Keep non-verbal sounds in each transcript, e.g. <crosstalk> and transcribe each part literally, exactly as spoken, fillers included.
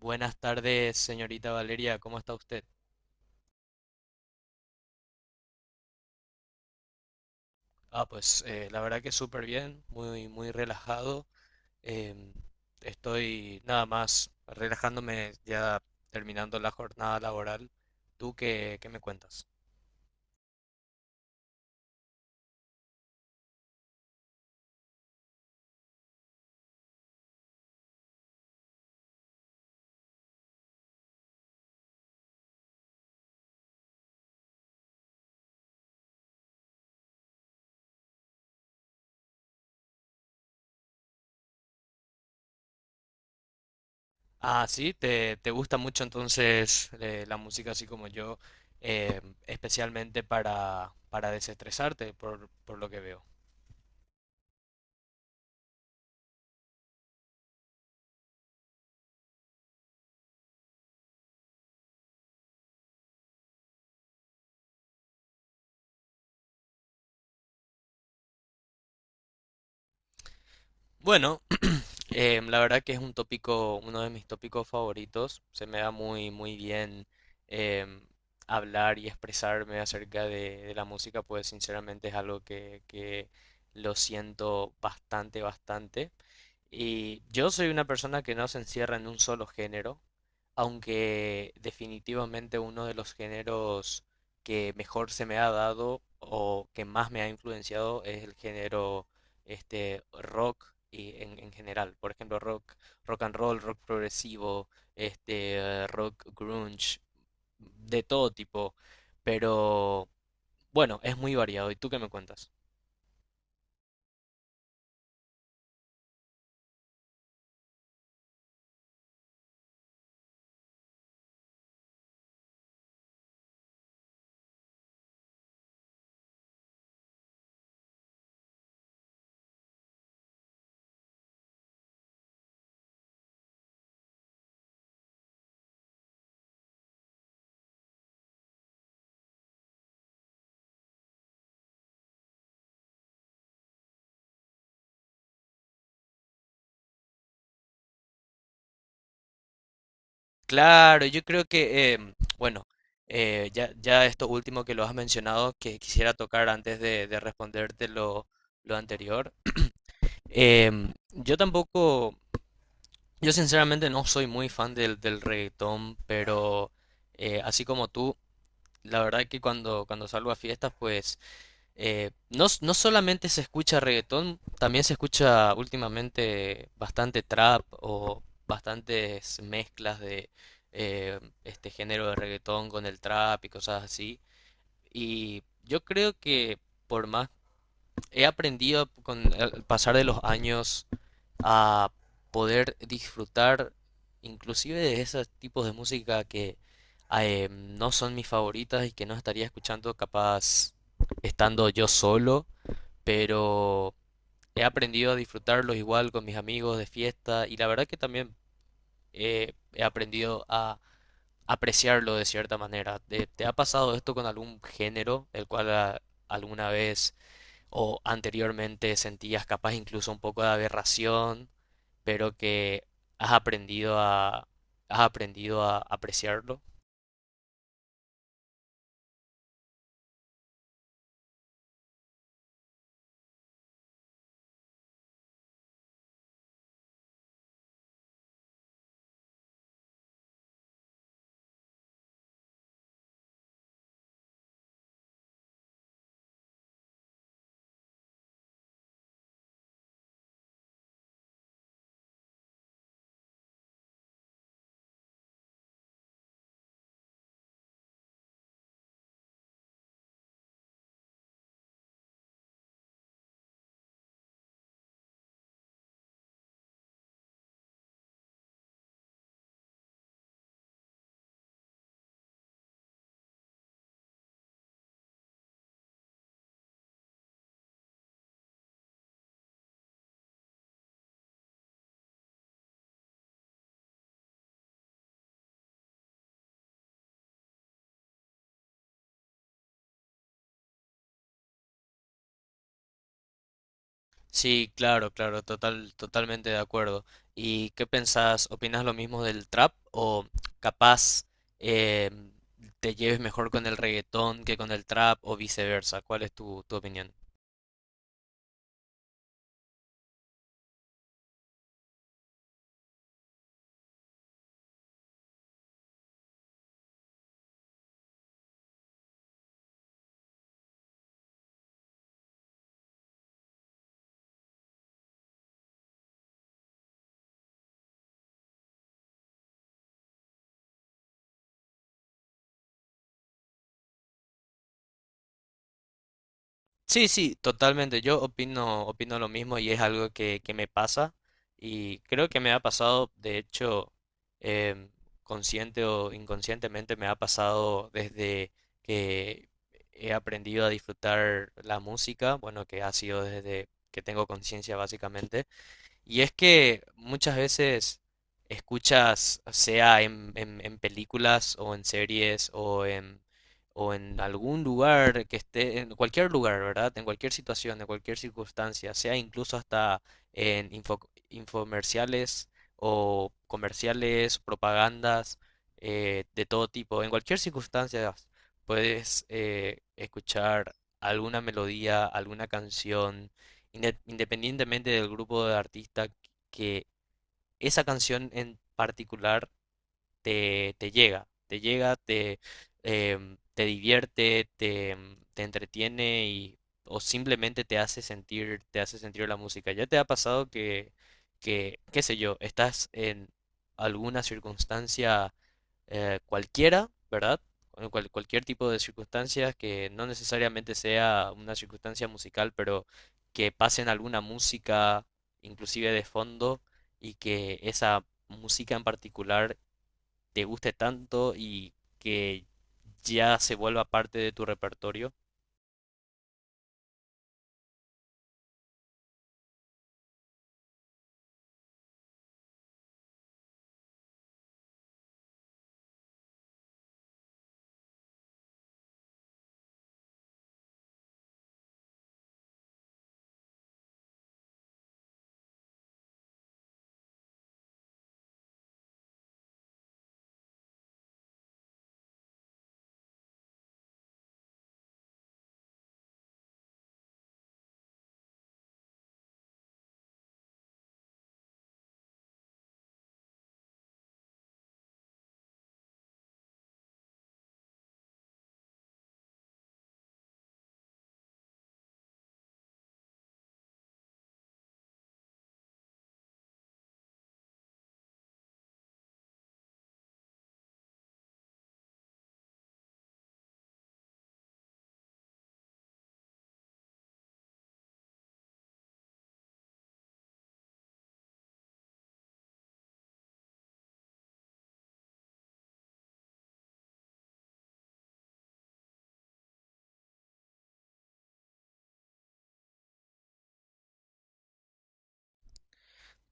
Buenas tardes, señorita Valeria, ¿cómo está usted? Ah, pues eh, la verdad que súper bien, muy, muy relajado. Em, Estoy nada más relajándome ya terminando la jornada laboral. ¿Tú qué, qué me cuentas? Ah, sí, te, te gusta mucho entonces eh, la música así como yo, em, especialmente para, para desestresarte, por, por lo que veo. Bueno, Eh, la verdad que es un tópico, uno de mis tópicos favoritos. Se me da muy, muy bien em, hablar y expresarme acerca de, de la música, pues sinceramente es algo que, que lo siento bastante, bastante. Y yo soy una persona que no se encierra en un solo género, aunque definitivamente uno de los géneros que mejor se me ha dado o que más me ha influenciado es el género este, rock y en, en general. Por ejemplo, rock, rock and roll, rock progresivo, este, eh, rock grunge, de todo tipo. Pero bueno, es muy variado. ¿Y tú qué me cuentas? Claro, yo creo que, em, bueno, eh, ya, ya esto último que lo has mencionado, que quisiera tocar antes de, de responderte lo, lo anterior. Em, yo tampoco, yo sinceramente no soy muy fan del, del reggaetón, pero eh, así como tú. La verdad que cuando, cuando salgo a fiestas, pues eh, no, s- no solamente se escucha reggaetón, también se escucha últimamente bastante trap o bastantes mezclas de eh, este género de reggaetón con el trap y cosas así. Y yo creo que por más he aprendido con el pasar de los años a poder disfrutar inclusive de esos tipos de música que eh, no son mis favoritas y que no estaría escuchando capaz estando yo solo, pero he aprendido a disfrutarlos igual con mis amigos de fiesta y la verdad que también eh, he aprendido a apreciarlo de cierta manera. ¿Te, te ha pasado esto con algún género el cual a- alguna vez o anteriormente sentías capaz incluso un poco de aberración? Pero que has aprendido a, has aprendido a apreciarlo. Sí, claro, claro, total, totalmente de acuerdo. ¿Y qué pensás? ¿Opinas lo mismo del trap o capaz eh, te lleves mejor con el reggaetón que con el trap o viceversa? ¿Cuál es tu, tu opinión? Sí, sí, totalmente. Yo opino, opino lo mismo y es algo que, que me pasa y creo que me ha pasado, de hecho, em, consciente o inconscientemente me ha pasado desde que he aprendido a disfrutar la música, bueno, que ha sido desde que tengo conciencia básicamente. Y es que muchas veces escuchas, sea en, en- en películas o en series o en, o en algún lugar que esté, en cualquier lugar, ¿verdad? En cualquier situación, en cualquier circunstancia, sea incluso hasta en info- infomerciales o comerciales, propagandas eh, de todo tipo, en cualquier circunstancia puedes eh, escuchar alguna melodía, alguna canción inde- independientemente del grupo de artista, que esa canción en particular te, te llega, te llega, te, em, te divierte, te, em, te entretiene y, o simplemente te hace sentir, te hace sentir la música. ¿Ya te ha pasado que, que, qué sé yo, estás en alguna circunstancia eh, cualquiera, ¿verdad? Cual- cual- cualquier tipo de circunstancias que no necesariamente sea una circunstancia musical, pero que pasen alguna música, inclusive de fondo, y que esa música en particular te guste tanto y que ya se vuelva parte de tu repertorio?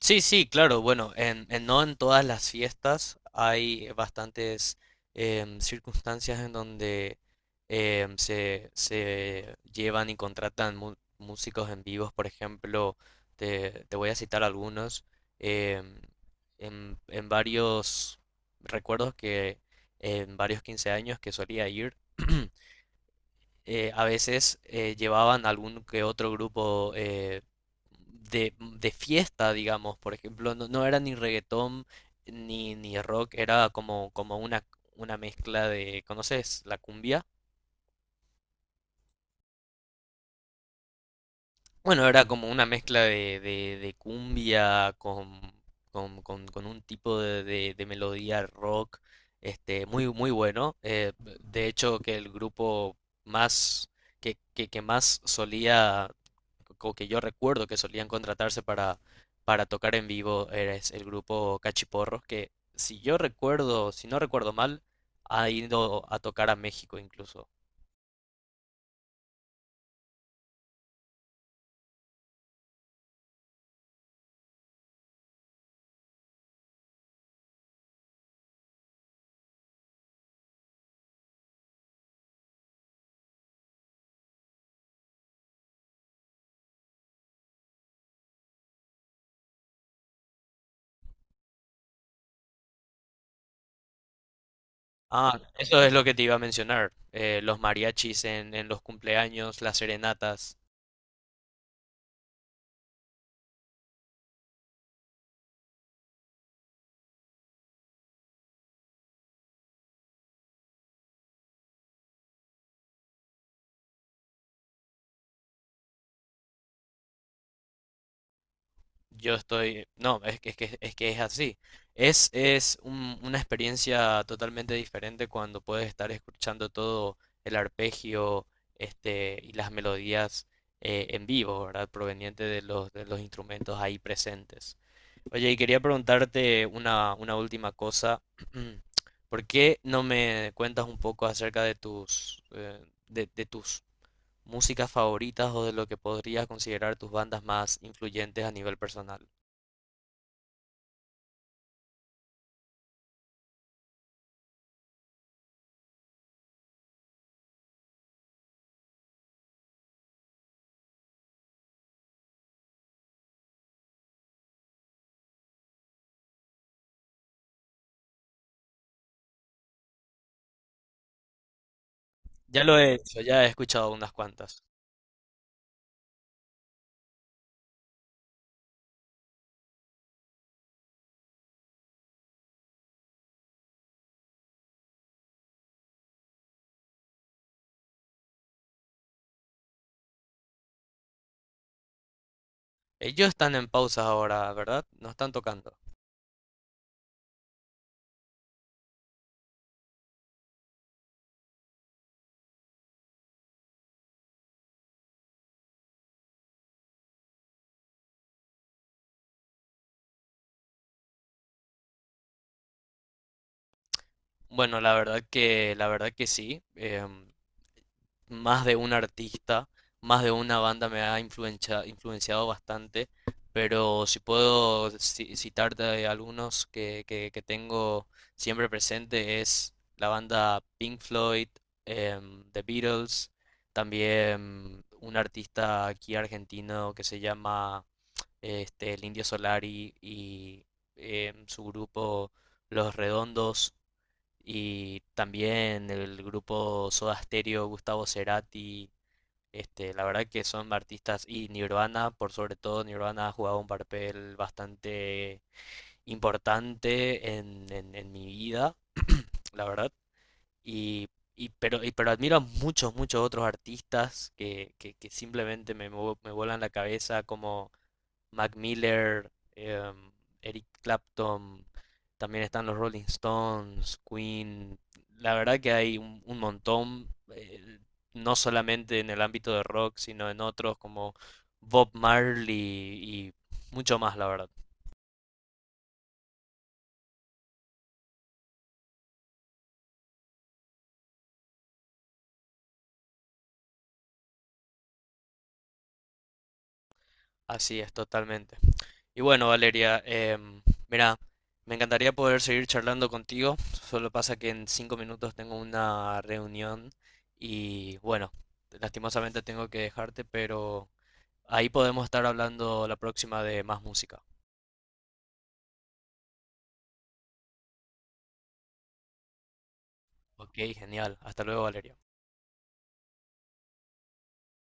Sí, sí, claro, bueno, en, en- no en todas las fiestas hay bastantes em, circunstancias en donde em, se, se llevan y contratan mu- músicos en vivos. Por ejemplo, te, te voy a citar algunos, em, en, en varios recuerdos que en varios quince años que solía ir. <clears throat> eh, a veces eh, llevaban algún que otro grupo eh, de, de fiesta, digamos. Por ejemplo, no, no era ni reggaetón ni, ni rock, era como, como una, una mezcla de, ¿conoces la cumbia? Bueno, era como una mezcla de, de, de cumbia con, con, con- con un tipo de, de- de melodía rock, este, muy, muy bueno. Eh, de hecho, que el grupo más que, que, que más solía o que yo recuerdo que solían contratarse para, para tocar en vivo es el grupo Cachiporros, que si yo recuerdo, si no recuerdo mal, ha ido a tocar a México incluso. Ah, eso es lo que te iba a mencionar. Eh, los mariachis en, en los cumpleaños, las serenatas. Yo estoy, no, Es que es que es que es así. Es es un- una experiencia totalmente diferente cuando puedes estar escuchando todo el arpegio, este, y las melodías eh, en vivo, ¿verdad? Proveniente de los, de los instrumentos ahí presentes. Oye, y quería preguntarte una una última cosa. <clears throat> ¿Por qué no me cuentas un poco acerca de tus eh, de, de tus músicas favoritas o de lo que podrías considerar tus bandas más influyentes a nivel personal? Ya lo he hecho, ya he escuchado unas cuantas. Ellos están en pausa ahora, ¿verdad? No están tocando. Bueno, la verdad que, la verdad que sí. Em, más de un artista, más de una banda me ha influencia- influenciado bastante, pero si puedo ci- citarte algunos que, que- que tengo siempre presente, es la banda Pink Floyd, em, The Beatles, también un artista aquí argentino que se llama este, el Indio Solari y em, su grupo Los Redondos, y también el grupo Soda Stereo, Gustavo Cerati, este, la verdad que son artistas, y Nirvana, por sobre todo Nirvana ha jugado un papel bastante importante en, en, en mi vida, <clears throat> la verdad, y, y pero, y- pero admiro a muchos, muchos otros artistas que, que, que simplemente me, vo- me vuelan la cabeza como Mac Miller, eh, Eric Clapton, también están los Rolling Stones, Queen. La verdad que hay un, un montón, eh, no solamente en el ámbito de rock, sino en otros como Bob Marley y mucho más, la verdad. Así es, totalmente. Y bueno, Valeria, em, mira, me encantaría poder seguir charlando contigo. Solo pasa que en cinco minutos tengo una reunión y bueno, lastimosamente tengo que dejarte, pero ahí podemos estar hablando la próxima de más música. Ok, genial. Hasta luego, Valeria.